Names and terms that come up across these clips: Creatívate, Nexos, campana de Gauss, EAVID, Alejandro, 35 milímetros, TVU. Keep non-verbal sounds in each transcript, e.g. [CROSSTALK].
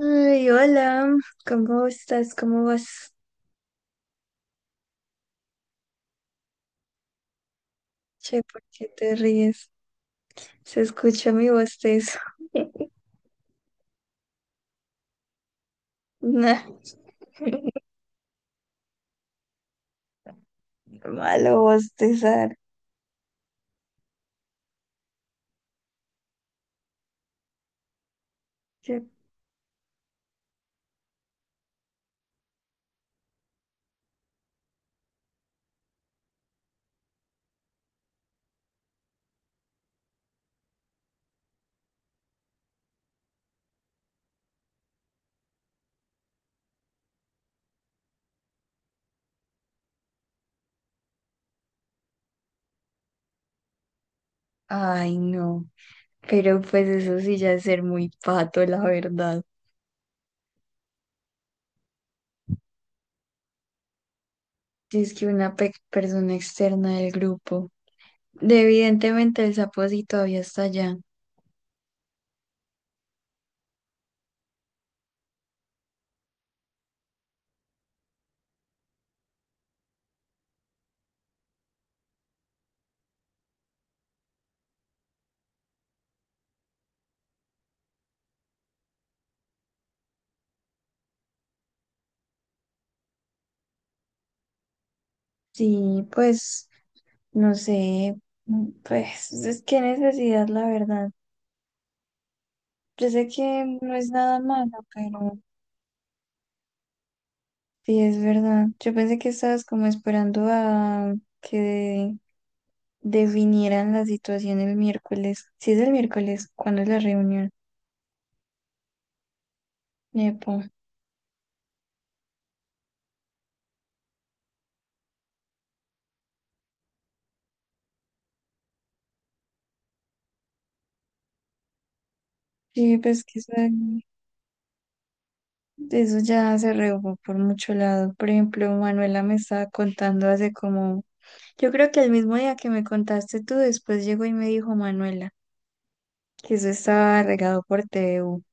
Ay, hola, ¿cómo estás? ¿Cómo vas? Che, ¿por qué te ríes? Se escucha mi bostezo. [LAUGHS] Nah, malo bostezar. Che. Ay, no. Pero pues eso sí ya es ser muy pato, la verdad. Si es que una persona externa del grupo. Evidentemente el sapo sí todavía está allá. Sí, pues, no sé. Pues, es que necesidad, la verdad. Yo sé que no es nada malo, pero. Sí, es verdad. Yo pensé que estabas como esperando a que definieran la situación el miércoles. Sí, es el miércoles, ¿cuándo es la reunión? Epa. Sí, pues que eso ya se rehogó por mucho lado. Por ejemplo, Manuela me estaba contando hace como, yo creo que el mismo día que me contaste tú, después llegó y me dijo Manuela que eso estaba regado por TVU.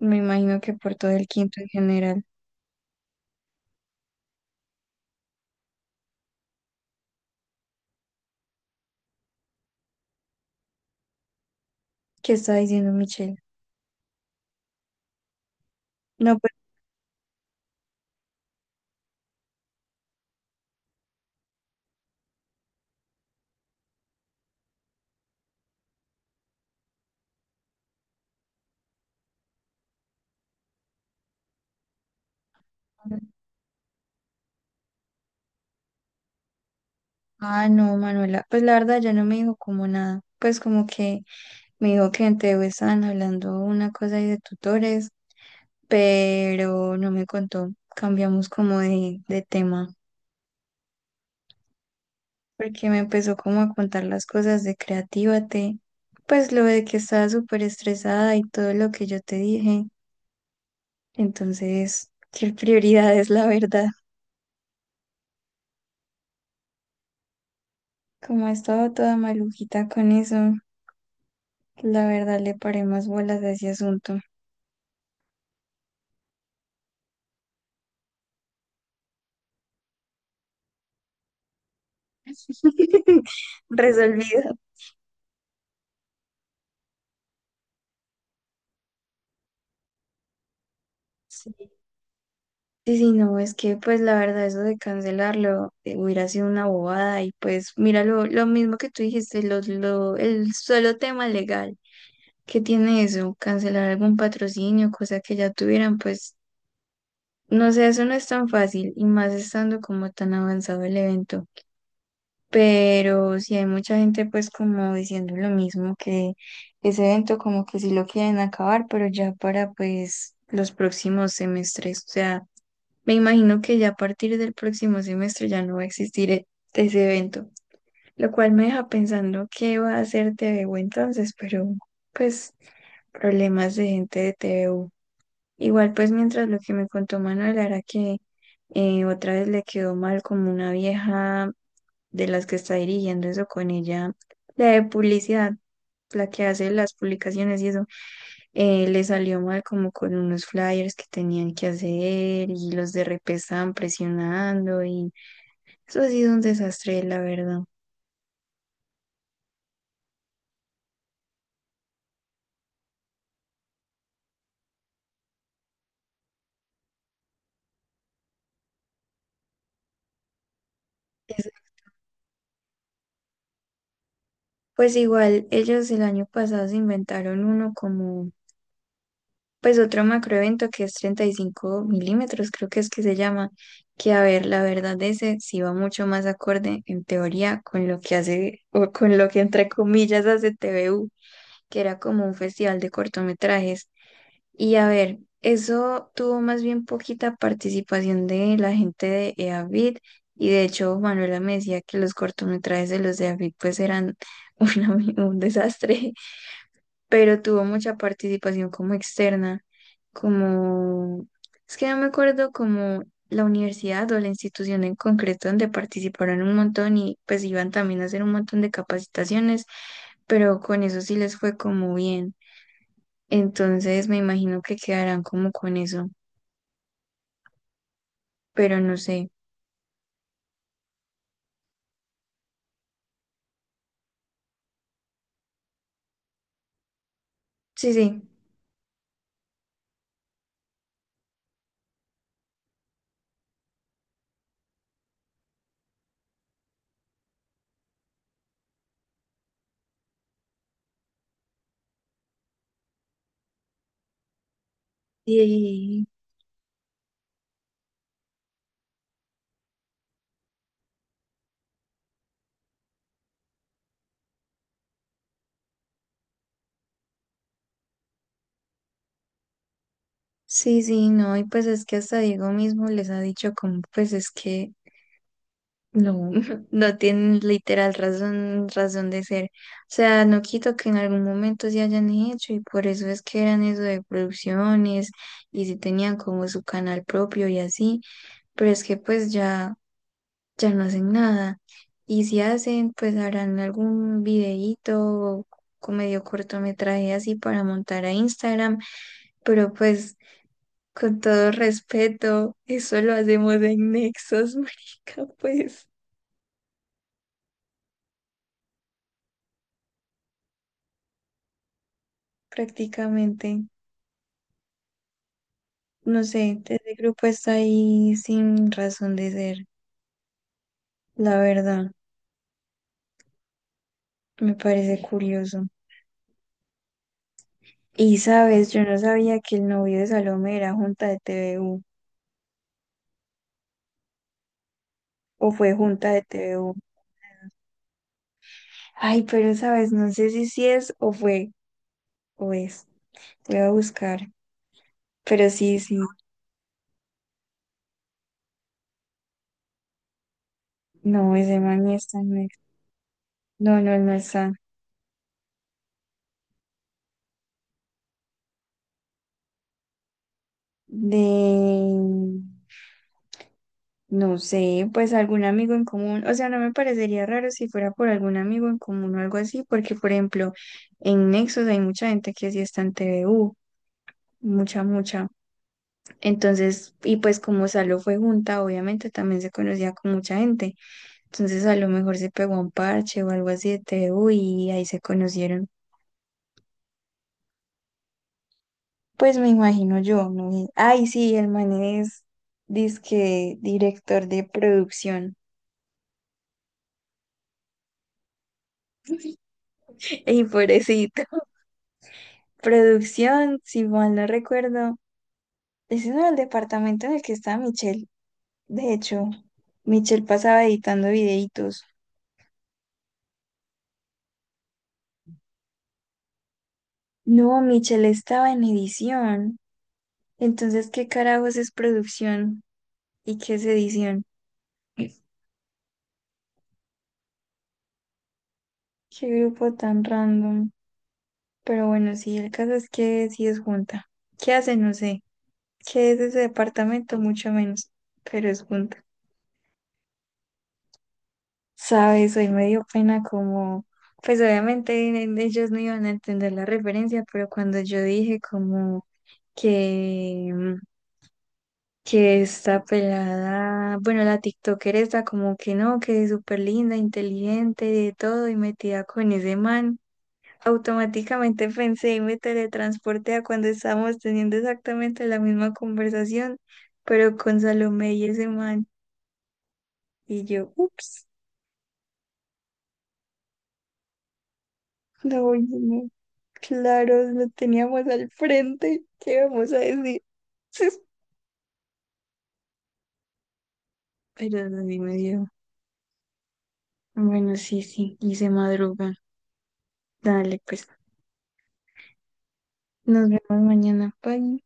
Me imagino que por todo el quinto en general. ¿Qué está diciendo Michelle? No, pues. Ah, no, Manuela, pues la verdad ya no me dijo como nada, pues como que me dijo que en TV estaban hablando una cosa ahí de tutores, pero no me contó, cambiamos como de tema, porque me empezó como a contar las cosas de Creatívate, pues lo de que estaba súper estresada y todo lo que yo te dije, entonces, qué prioridades, la verdad, como ha estado toda malujita con eso, la verdad le paré más bolas a ese asunto. [LAUGHS] Resolvido. Sí, sí, no, es que pues la verdad eso de cancelarlo hubiera sido una bobada y pues mira lo mismo que tú dijiste, el solo tema legal que tiene eso, cancelar algún patrocinio, cosa que ya tuvieran, pues no sé, eso no es tan fácil y más estando como tan avanzado el evento, pero sí hay mucha gente pues como diciendo lo mismo que ese evento como que sí lo quieren acabar, pero ya para pues los próximos semestres, o sea… Me imagino que ya a partir del próximo semestre ya no va a existir ese evento, lo cual me deja pensando qué va a hacer TVU entonces, pero pues problemas de gente de TVU. Igual pues mientras lo que me contó Manuel era que otra vez le quedó mal como una vieja de las que está dirigiendo eso con ella, la de publicidad, la que hace las publicaciones y eso. Le salió mal como con unos flyers que tenían que hacer y los de RP estaban presionando y eso ha sido un desastre, la verdad. Es- Pues igual, ellos el año pasado se inventaron uno como, pues otro macroevento que es 35 milímetros, creo que es que se llama, que a ver, la verdad ese sí va mucho más acorde en teoría con lo que hace, o con lo que entre comillas hace TVU, que era como un festival de cortometrajes. Y a ver, eso tuvo más bien poquita participación de la gente de EAVID y de hecho Manuela me decía que los cortometrajes de los de EAVID pues eran [LAUGHS] una un desastre, pero tuvo mucha participación como externa, como, es que no me acuerdo como la universidad o la institución en concreto donde participaron un montón y pues iban también a hacer un montón de capacitaciones, pero con eso sí les fue como bien. Entonces me imagino que quedarán como con eso, pero no sé. Sí, sí. Y sí, no, y pues es que hasta Diego mismo les ha dicho como, pues es que no, [LAUGHS] no tienen literal razón de ser. O sea, no quito que en algún momento se hayan hecho y por eso es que eran eso de producciones y si tenían como su canal propio y así, pero es que pues ya. Ya no hacen nada. Y si hacen, pues harán algún videíto o medio cortometraje así para montar a Instagram, pero pues con todo respeto, eso lo hacemos en Nexos, [LAUGHS] marica, pues prácticamente, no sé, ese grupo está ahí sin razón de ser, la verdad, me parece curioso. Y sabes, yo no sabía que el novio de Salomé era junta de TVU o fue junta de TVU. Ay, pero sabes, no sé si sí es o fue o es. Voy a buscar. Pero sí, sí. No, ese man no está. No, no, no está. De… No sé, pues algún amigo en común. O sea, no me parecería raro si fuera por algún amigo en común o algo así, porque, por ejemplo, en Nexus hay mucha gente que sí está en TVU. Mucha, mucha. Entonces, y pues como Salo fue junta, obviamente también se conocía con mucha gente. Entonces a lo mejor se pegó un parche o algo así de T TU y ahí se conocieron. Pues me imagino yo, ¿no? Y- ay, sí, el man es dizque director de producción. [LAUGHS] Y pobrecito. Producción, si mal no recuerdo. Ese no era el departamento en el que estaba Michelle. De hecho, Michelle pasaba editando videitos. No, Michelle estaba en edición. Entonces, ¿qué carajos es producción? ¿Y qué es edición? Qué grupo tan random. Pero bueno, sí, el caso es que sí es junta. ¿Qué hace? No sé. ¿Qué es ese departamento? Mucho menos, pero es junta. Sabes, hoy me dio pena como, pues obviamente ellos no iban a entender la referencia, pero cuando yo dije como que, que esta pelada, bueno, la TikToker está como que no, que es súper linda, inteligente, de todo, y metida con ese man. Automáticamente pensé y me teletransporté a cuando estábamos teniendo exactamente la misma conversación, pero con Salomé y ese man. Y yo, ups, no, oye, no, claro, lo teníamos al frente, ¿qué vamos a decir? [LAUGHS] Pero así me dio. Bueno, sí, sí, y se madruga. Dale, pues, nos vemos mañana. Bye.